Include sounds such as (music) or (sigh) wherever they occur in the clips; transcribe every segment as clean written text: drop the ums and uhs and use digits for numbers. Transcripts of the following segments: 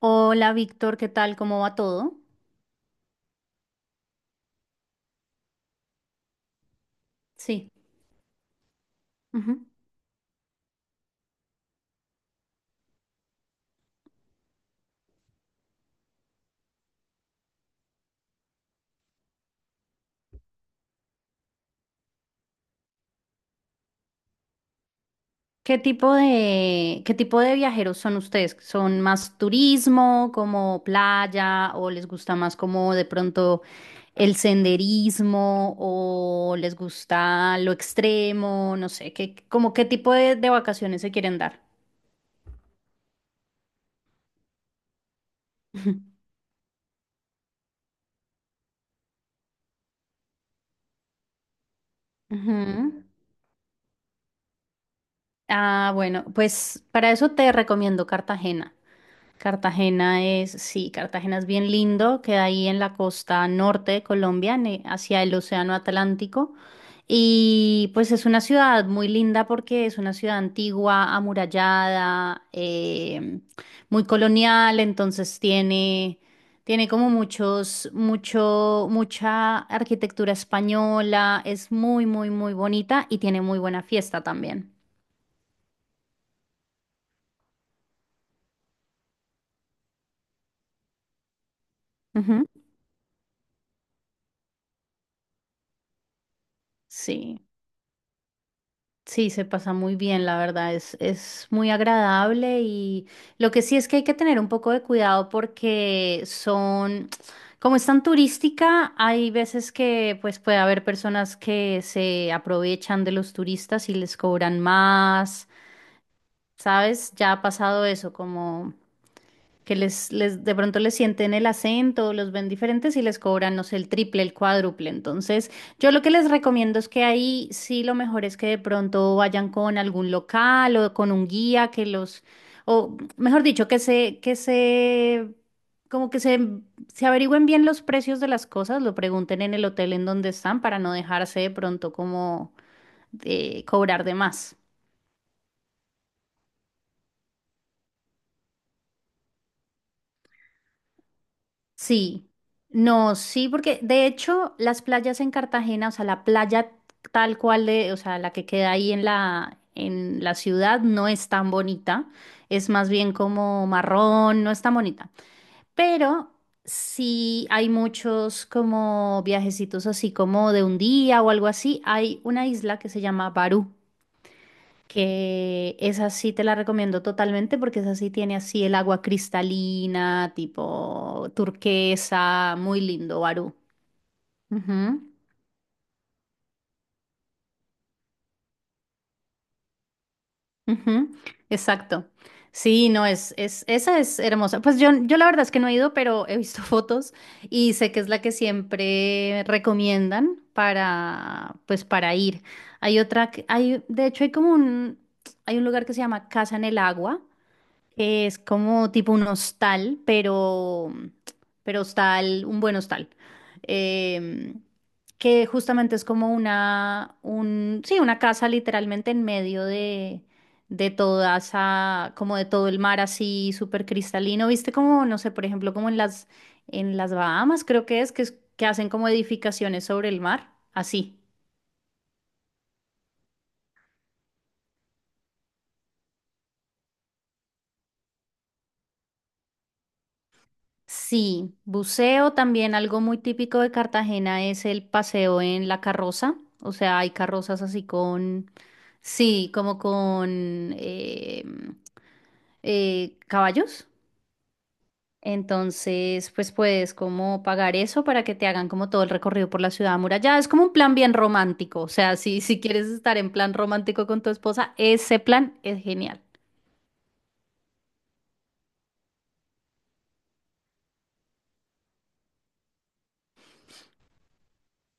Hola Víctor, ¿qué tal? ¿Cómo va todo? Sí. Ujú. ¿Qué tipo de viajeros son ustedes? ¿Son más turismo, como playa, o les gusta más como de pronto el senderismo, o les gusta lo extremo? No sé, ¿como qué tipo de vacaciones se quieren dar? (laughs) Ujú. Ah, bueno, pues para eso te recomiendo Cartagena. Cartagena es, sí, Cartagena es bien lindo, queda ahí en la costa norte de Colombia, hacia el Océano Atlántico. Y pues es una ciudad muy linda porque es una ciudad antigua, amurallada, muy colonial, entonces tiene como mucha arquitectura española, es muy, muy, muy bonita y tiene muy buena fiesta también. Ujú. Sí. Sí, se pasa muy bien, la verdad, es muy agradable y lo que sí es que hay que tener un poco de cuidado porque como es tan turística, hay veces que pues puede haber personas que se aprovechan de los turistas y les cobran más, ¿sabes? Ya ha pasado eso, como que les de pronto les sienten el acento, los ven diferentes y les cobran, no sé, el triple, el cuádruple. Entonces, yo lo que les recomiendo es que ahí sí lo mejor es que de pronto vayan con algún local o con un guía o mejor dicho, que se averigüen bien los precios de las cosas, lo pregunten en el hotel en donde están para no dejarse de pronto como cobrar de más. Sí, no, sí, porque de hecho las playas en Cartagena, o sea, la playa tal cual de, o sea, la que queda ahí en la, ciudad no es tan bonita, es más bien como marrón, no es tan bonita, pero sí hay muchos como viajecitos así como de un día o algo así, hay una isla que se llama Barú que esa sí te la recomiendo totalmente porque esa sí tiene así el agua cristalina, tipo turquesa, muy lindo, Barú. Ujú. Ujú. Exacto. Sí, no, esa es hermosa. Pues yo la verdad es que no he ido, pero he visto (laughs) fotos y sé que es la que siempre recomiendan pues para ir. Hay otra, hay, de hecho hay hay un lugar que se llama Casa en el Agua. Es como tipo un hostal, pero hostal, un buen hostal. Eh, que justamente es como una, un, sí, una casa literalmente en medio de, toda esa, como de todo el mar así súper cristalino. ¿Viste como, no sé, por ejemplo, como en las Bahamas, creo que es, que hacen como edificaciones sobre el mar? Así. Sí, buceo también, algo muy típico de Cartagena es el paseo en la carroza, o sea, hay carrozas así con, sí, como con caballos. Entonces, pues puedes como pagar eso para que te hagan como todo el recorrido por la ciudad amurallada. Es como un plan bien romántico, o sea, si, si quieres estar en plan romántico con tu esposa, ese plan es genial.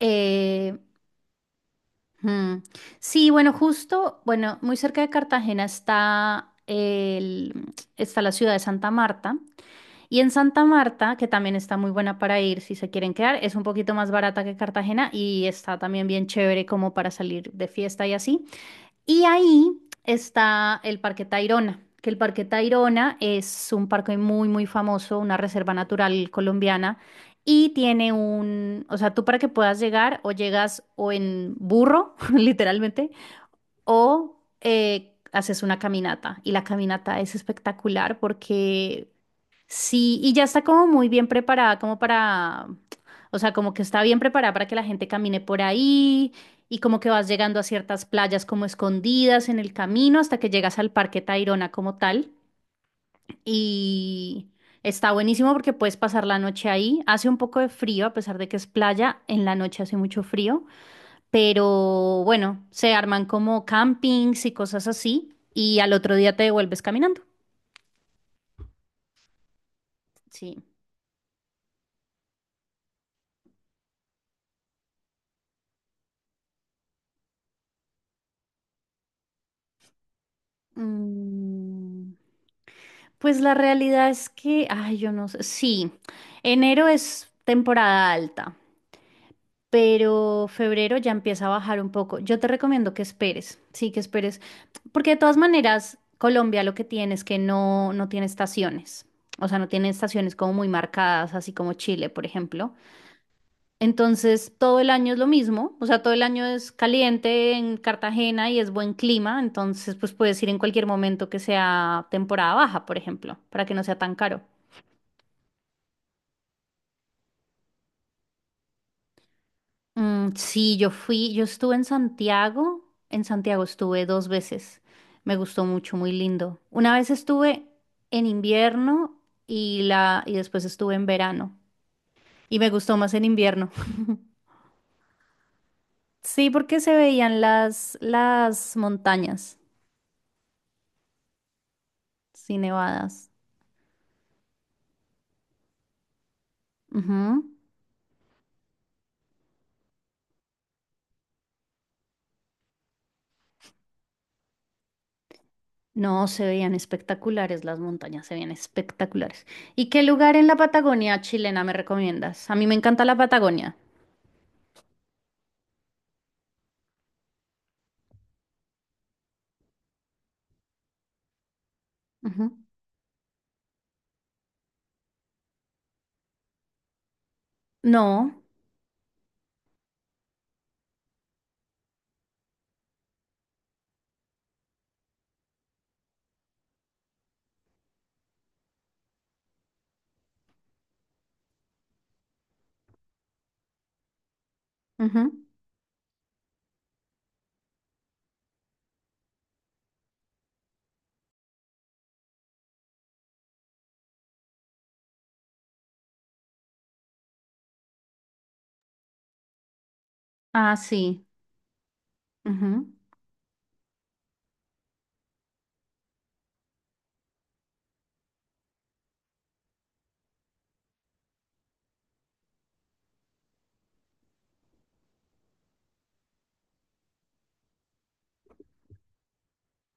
Eh, Mm. Sí, bueno, justo, bueno, muy cerca de Cartagena está la ciudad de Santa Marta. Y en Santa Marta, que también está muy buena para ir si se quieren quedar, es un poquito más barata que Cartagena y está también bien chévere como para salir de fiesta y así. Y ahí está el Parque Tayrona, que el Parque Tayrona es un parque muy, muy famoso, una reserva natural colombiana, y tiene un, o sea, tú para que puedas llegar o llegas o en burro, (laughs) literalmente, o haces una caminata. Y la caminata es espectacular porque, sí, y ya está como muy bien preparada, como para, o sea, como que está bien preparada para que la gente camine por ahí y como que vas llegando a ciertas playas como escondidas en el camino hasta que llegas al Parque Tayrona como tal. Y está buenísimo porque puedes pasar la noche ahí. Hace un poco de frío, a pesar de que es playa, en la noche hace mucho frío, pero bueno, se arman como campings y cosas así y al otro día te devuelves caminando. Sí. Mm. Pues la realidad es que, ay, yo no sé, sí, enero es temporada alta, pero febrero ya empieza a bajar un poco. Yo te recomiendo que esperes, sí, que esperes, porque de todas maneras, Colombia lo que tiene es que no tiene estaciones, o sea, no tiene estaciones como muy marcadas, así como Chile, por ejemplo. Entonces, todo el año es lo mismo, o sea, todo el año es caliente en Cartagena y es buen clima, entonces, pues puedes ir en cualquier momento que sea temporada baja, por ejemplo, para que no sea tan caro. Mm, sí, yo fui, yo estuve en Santiago estuve dos veces, me gustó mucho, muy lindo. Una vez estuve en invierno y después estuve en verano y me gustó más en invierno. (laughs) Sí, porque se veían las montañas, sí, nevadas. Ujú. No, se veían espectaculares las montañas, se veían espectaculares. ¿Y qué lugar en la Patagonia chilena me recomiendas? A mí me encanta la Patagonia. Ujú. No. Ujú. Ah, sí. Ujú.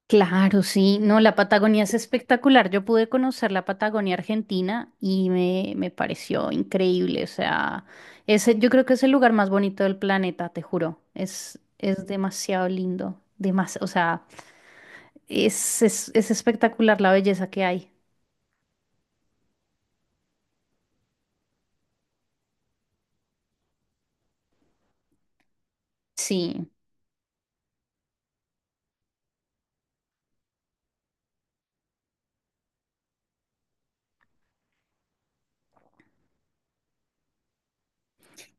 Claro, sí. No, la Patagonia es espectacular. Yo pude conocer la Patagonia Argentina y me pareció increíble. O sea, ese, yo creo que es el lugar más bonito del planeta, te juro. Es demasiado lindo. O sea, es espectacular la belleza que hay. Sí.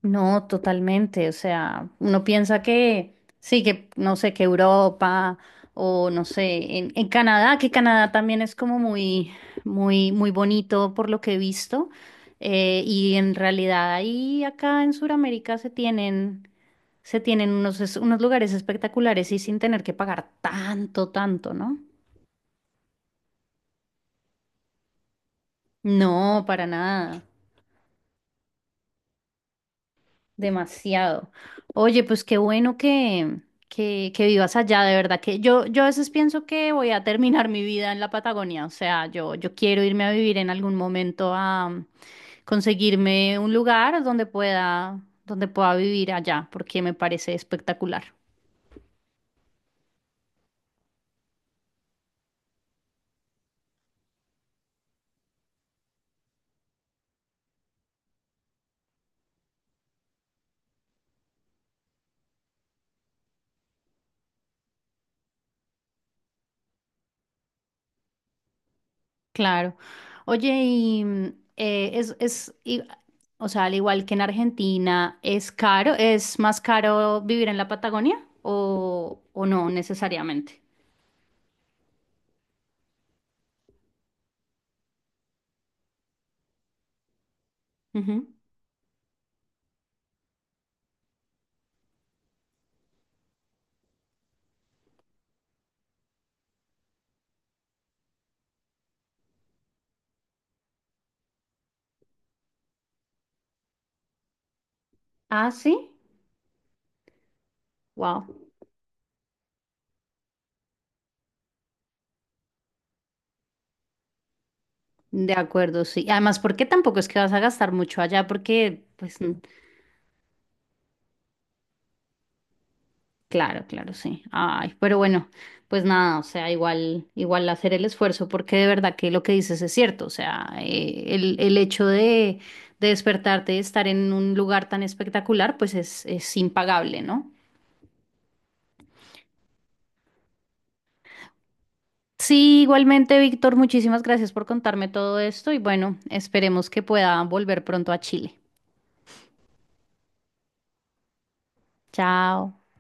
No, totalmente. O sea, uno piensa que sí, que no sé, que Europa o no sé, en Canadá, que Canadá también es como muy, muy, muy bonito por lo que he visto. Y en realidad ahí acá en Sudamérica se tienen unos lugares espectaculares y sin tener que pagar tanto, tanto, ¿no? No, para nada. Demasiado. Oye, pues qué bueno que, que vivas allá, de verdad que yo a veces pienso que voy a terminar mi vida en la Patagonia, o sea, yo quiero irme a vivir en algún momento a conseguirme un lugar donde pueda vivir allá, porque me parece espectacular. Claro. Oye, eh, es, es, y- o sea, al igual que en Argentina, ¿es caro? ¿Es más caro vivir en la Patagonia o no necesariamente? Ah, sí. Wow. De acuerdo, sí. Además, porque tampoco es que vas a gastar mucho allá, porque, pues, claro, claro, sí. Ay, pero bueno, pues nada, o sea, igual hacer el esfuerzo, porque de verdad que lo que dices es cierto. O sea, el hecho de, despertarte y estar en un lugar tan espectacular, pues es impagable, ¿no? Sí, igualmente, Víctor, muchísimas gracias por contarme todo esto y bueno, esperemos que pueda volver pronto a Chile. Chao.